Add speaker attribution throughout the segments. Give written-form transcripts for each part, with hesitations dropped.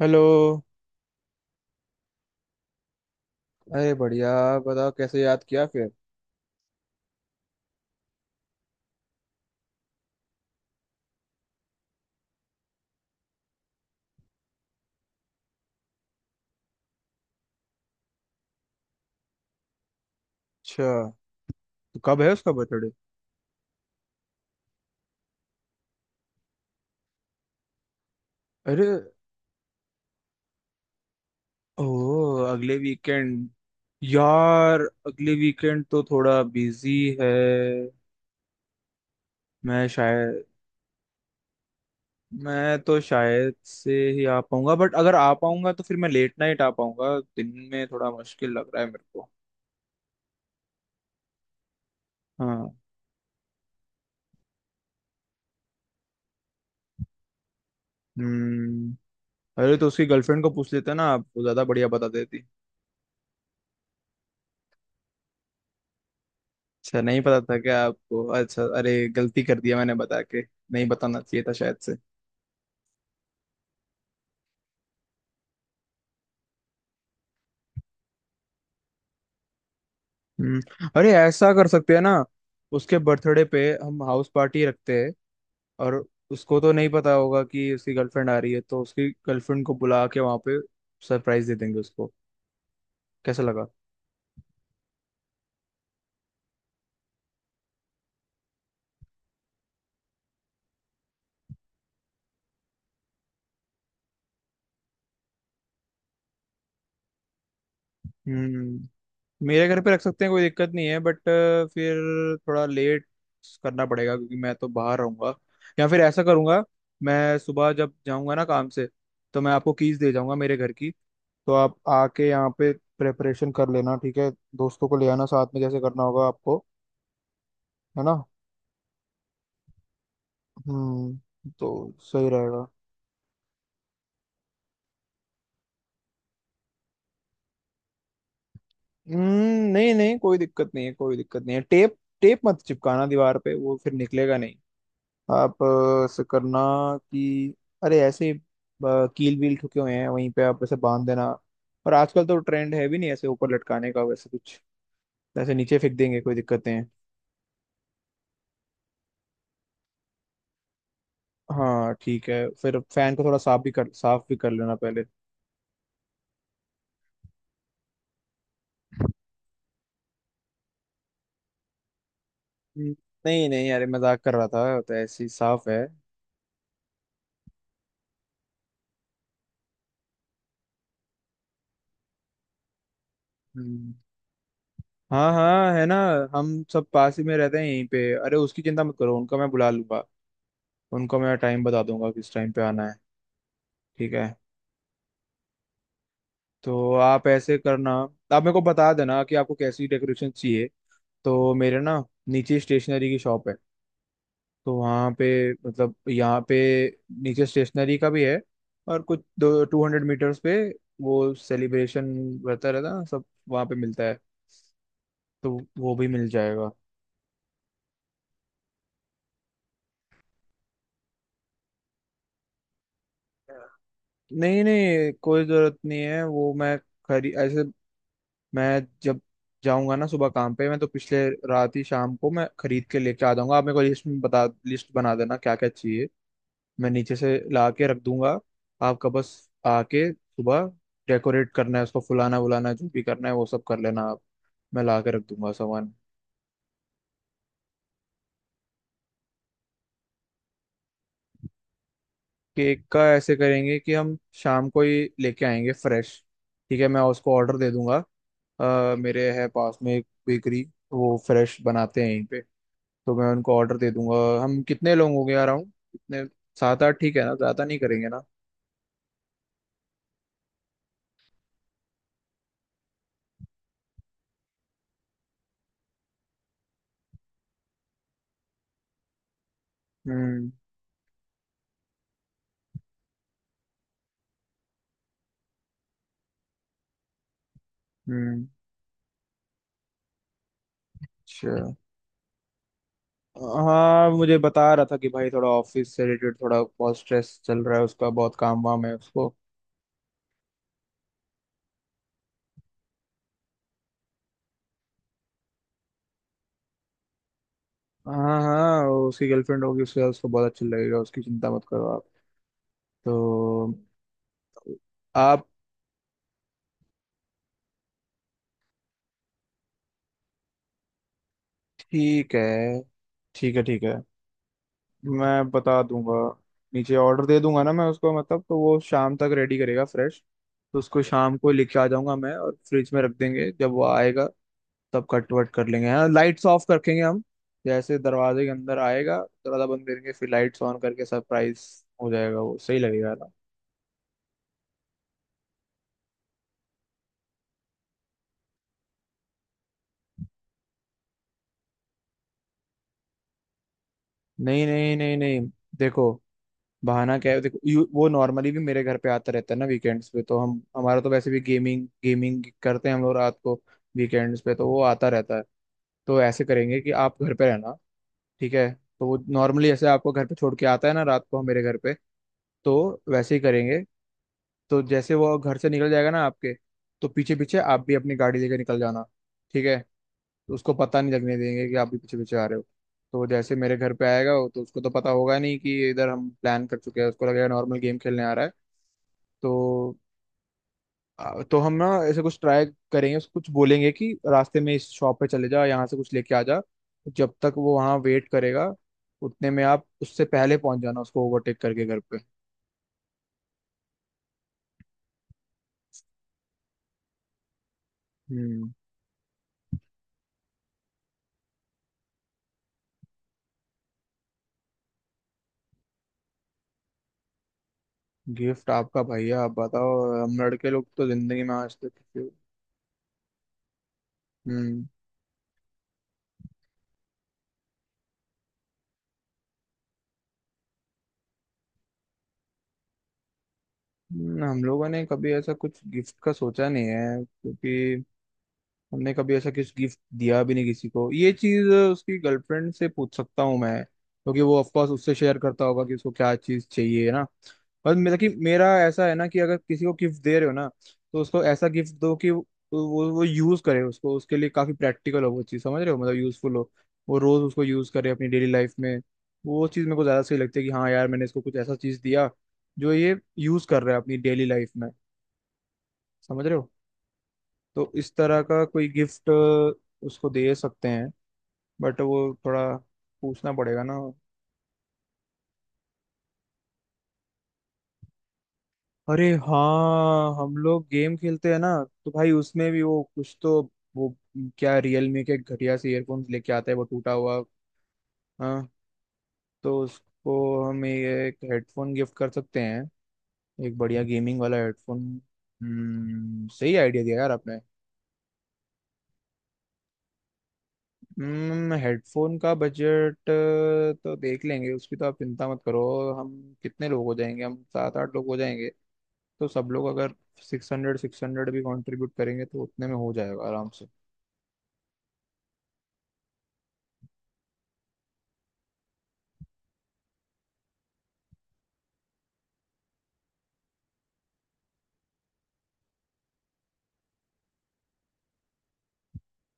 Speaker 1: Hello. अरे बढ़िया। बताओ कैसे याद किया फिर। अच्छा, तो कब है उसका बर्थडे। अरे। ओ। अगले वीकेंड। यार अगले वीकेंड तो थोड़ा बिजी है। मैं शायद मैं तो शायद से ही आ पाऊंगा, बट अगर आ पाऊंगा तो फिर मैं लेट नाइट आ पाऊंगा, दिन में थोड़ा मुश्किल लग रहा है मेरे को। हाँ। हम्म। अरे तो उसकी गर्लफ्रेंड को पूछ लेते ना आप, वो ज्यादा बढ़िया बता देती। अच्छा, नहीं पता था क्या आपको? अच्छा, अरे गलती कर दिया मैंने बता के, नहीं बताना चाहिए था शायद से। हम्म। अरे ऐसा कर सकते हैं ना, उसके बर्थडे पे हम हाउस पार्टी रखते हैं। और उसको तो नहीं पता होगा कि उसकी गर्लफ्रेंड आ रही है, तो उसकी गर्लफ्रेंड को बुला के वहां पे सरप्राइज दे देंगे उसको। कैसा लगा। हम्म। मेरे घर पे रख सकते हैं, कोई दिक्कत नहीं है। बट फिर थोड़ा लेट करना पड़ेगा क्योंकि मैं तो बाहर रहूंगा। या फिर ऐसा करूंगा, मैं सुबह जब जाऊंगा ना काम से तो मैं आपको कीज दे जाऊंगा मेरे घर की। तो आप आके यहाँ पे प्रेपरेशन कर लेना, ठीक है। दोस्तों को ले आना साथ में जैसे करना होगा आपको, है ना। हम्म, तो सही रहेगा। हम्म, नहीं नहीं कोई दिक्कत नहीं है, कोई दिक्कत नहीं है। टेप टेप मत चिपकाना दीवार पे, वो फिर निकलेगा। आप ऐसे करना कि अरे ऐसे कील वील ठुके हुए हैं वहीं पे आप ऐसे बांध देना। और आजकल तो ट्रेंड है भी नहीं ऐसे ऊपर लटकाने का, वैसे कुछ ऐसे नीचे फेंक देंगे, कोई दिक्कत नहीं है। हाँ ठीक है, फिर फैन को थोड़ा साफ भी कर लेना पहले। हम्म, नहीं नहीं अरे मजाक कर रहा था, तो ऐसे ही साफ है। हम्म, हाँ हाँ है ना। हम सब पास ही में रहते हैं यहीं पे, अरे उसकी चिंता मत करो, उनका मैं बुला लूंगा। उनको मैं टाइम बता दूंगा किस टाइम पे आना है। ठीक है। तो आप ऐसे करना, आप मेरे को बता देना कि आपको कैसी डेकोरेशन चाहिए, तो मेरे ना नीचे स्टेशनरी की शॉप है, तो वहाँ पे, मतलब यहाँ पे नीचे स्टेशनरी का भी है, और कुछ दो 200 मीटर्स पे वो सेलिब्रेशन रहता, रहता ना सब वहाँ पे मिलता है, तो वो भी मिल जाएगा। नहीं नहीं कोई जरूरत नहीं है, वो मैं खरी ऐसे, मैं जब जाऊंगा ना सुबह काम पे, मैं तो पिछले रात ही शाम को मैं खरीद के लेके आ जाऊंगा, आप मेरे को लिस्ट में बता, लिस्ट बना देना क्या क्या चाहिए। मैं नीचे से ला के रख दूंगा, आपका बस आके सुबह डेकोरेट करना है उसको, फुलाना वुलाना जो भी करना है वो सब कर लेना आप, मैं ला के रख दूंगा सामान। केक का ऐसे करेंगे कि हम शाम को ही लेके आएंगे फ्रेश, ठीक है। मैं उसको ऑर्डर दे दूंगा। मेरे है पास में एक बेकरी, वो फ्रेश बनाते हैं यहीं पे, तो मैं उनको ऑर्डर दे दूंगा। हम कितने लोग हो गए यार, राउंड कितने, सात आठ ठीक है ना, ज्यादा नहीं करेंगे ना। हम्म। हम्म। अच्छा। हाँ मुझे बता रहा था कि भाई थोड़ा ऑफिस से रिलेटेड थोड़ा बहुत स्ट्रेस चल रहा है उसका, बहुत काम वाम है उसको। हाँ हाँ वो, उसकी गर्लफ्रेंड होगी उसके साथ, उसको बहुत अच्छा लगेगा, उसकी चिंता मत करो आप। तो आप। ठीक है। ठीक है ठीक है। मैं बता दूंगा। नीचे ऑर्डर दे दूंगा ना मैं उसको, मतलब तो वो शाम तक रेडी करेगा फ्रेश। तो उसको शाम को लेके आ जाऊंगा मैं, और फ्रिज में रख देंगे, जब वो आएगा तब कट वट कर लेंगे। हाँ, लाइट्स ऑफ रखेंगे हम, जैसे दरवाजे के अंदर आएगा, दरवाजा बंद करेंगे, फिर लाइट्स ऑन करके सरप्राइज हो जाएगा वो। सही लगेगा ना। नहीं नहीं नहीं नहीं देखो, बहाना क्या है देखो, वो नॉर्मली भी मेरे घर पे आता रहता है ना वीकेंड्स पे, तो हम हमारा तो वैसे भी गेमिंग गेमिंग करते हैं हम लोग रात को, वीकेंड्स पे तो वो आता रहता है। तो ऐसे करेंगे कि आप घर पे रहना, ठीक है। तो वो नॉर्मली ऐसे आपको घर पे छोड़ के आता है ना रात को, मेरे घर पे तो वैसे ही करेंगे। तो जैसे वो घर से निकल जाएगा ना आपके, तो पीछे पीछे आप भी अपनी गाड़ी लेकर निकल जाना, ठीक है। तो उसको पता नहीं लगने देंगे कि आप भी पीछे पीछे आ रहे हो। तो जैसे मेरे घर पे आएगा वो, तो उसको तो पता होगा नहीं कि इधर हम प्लान कर चुके हैं, उसको लगेगा नॉर्मल गेम खेलने आ रहा है। तो तो हम ना ऐसे कुछ ट्राई करेंगे, उसको कुछ बोलेंगे कि रास्ते में इस शॉप पे चले जा, यहाँ से कुछ लेके आ जा, जब तक वो वहाँ वेट करेगा उतने में आप उससे पहले पहुंच जाना, उसको ओवरटेक करके घर पे। हम्म। गिफ्ट आपका भैया, आप बताओ। हम लड़के लोग तो जिंदगी में आज तक किसी- हम्म। हम लोगों ने कभी ऐसा कुछ गिफ्ट का सोचा नहीं है, क्योंकि हमने कभी ऐसा किस गिफ्ट दिया भी नहीं किसी को, ये चीज उसकी गर्लफ्रेंड से पूछ सकता हूँ मैं क्योंकि वो ऑफ कोर्स उससे शेयर करता होगा कि उसको क्या चीज चाहिए ना। पर मेरा ऐसा है ना, कि अगर किसी को गिफ्ट दे रहे हो ना, तो उसको ऐसा गिफ्ट दो कि वो यूज करे, उसको उसके लिए काफी प्रैक्टिकल हो वो चीज, समझ रहे हो, मतलब यूजफुल हो, वो रोज उसको यूज करे अपनी डेली लाइफ में। वो चीज मेरे को ज्यादा सही लगती है कि हाँ यार मैंने इसको कुछ ऐसा चीज दिया जो ये यूज कर रहा है अपनी डेली लाइफ में, समझ रहे हो। तो इस तरह का कोई गिफ्ट उसको दे सकते हैं, बट वो थोड़ा पूछना पड़ेगा ना। अरे हाँ हम लोग गेम खेलते हैं ना, तो भाई उसमें भी वो कुछ तो, वो क्या रियलमी के घटिया से ईयरफोन्स लेके आता है, वो टूटा हुआ। हाँ। तो उसको हम ये एक हेडफोन गिफ्ट कर सकते हैं, एक बढ़िया गेमिंग वाला हेडफोन। सही आइडिया दिया यार आपने। हेडफोन का बजट तो देख लेंगे उसकी, तो आप चिंता मत करो। हम कितने लोग हो जाएंगे, हम सात आठ लोग हो जाएंगे, तो सब लोग अगर 600 600 भी कंट्रीब्यूट करेंगे तो उतने में हो जाएगा आराम से।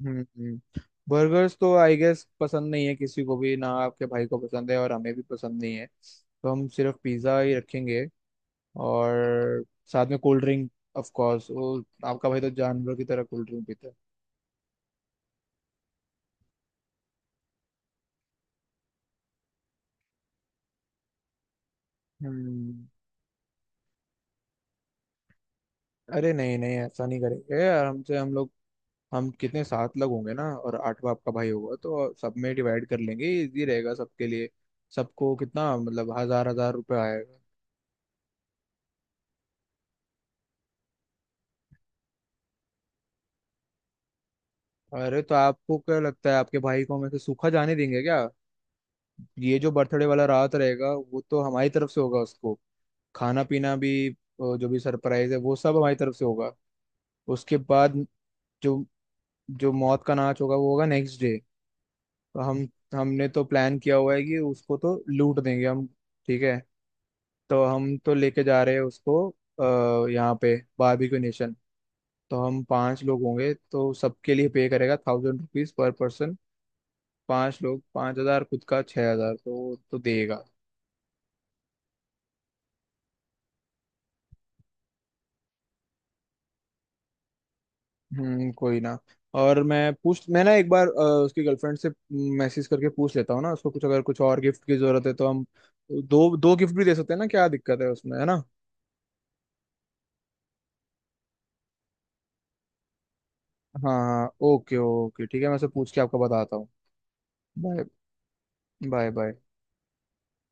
Speaker 1: हम्म। हम्म। बर्गर्स तो आई गेस पसंद नहीं है किसी को भी ना, आपके भाई को पसंद है और हमें भी पसंद नहीं है, तो हम सिर्फ पिज़्ज़ा ही रखेंगे, और साथ में कोल्ड ड्रिंक, ऑफ कोर्स वो, आपका भाई तो जानवर की तरह कोल्ड ड्रिंक पीता है। हम्म। अरे नहीं नहीं ऐसा नहीं करेंगे, आराम से हम लोग, हम कितने सात लोग होंगे ना और आठवां आपका भाई होगा, तो सब में डिवाइड कर लेंगे, इजी रहेगा सबके लिए। सबको कितना, मतलब 1,000 1,000 रुपये आएगा। अरे तो आपको क्या लगता है, आपके भाई को हम ऐसे सूखा जाने देंगे क्या। ये जो बर्थडे वाला रात रहेगा वो तो हमारी तरफ से होगा उसको, खाना पीना भी जो भी सरप्राइज है वो सब हमारी तरफ से होगा। उसके बाद जो जो मौत का नाच होगा वो होगा नेक्स्ट डे। तो हम हमने तो प्लान किया हुआ है कि उसको तो लूट देंगे हम, ठीक है। तो हम तो लेके जा रहे हैं उसको यहाँ पे बारबेक्यू नेशन, तो हम पांच लोग होंगे, तो सबके लिए पे करेगा 1,000 रुपीज पर पर्सन। पांच लोग 5,000, खुद का 6,000 तो वो तो देगा। कोई ना। और मैं ना एक बार उसकी गर्लफ्रेंड से मैसेज करके पूछ लेता हूँ ना उसको, कुछ अगर कुछ और गिफ्ट की जरूरत है तो हम दो दो गिफ्ट भी दे सकते हैं ना, क्या दिक्कत है उसमें, है ना। हाँ हाँ ओके ओके ठीक है, मैं उसे पूछ के आपको बताता हूँ। बाय। Bye bye.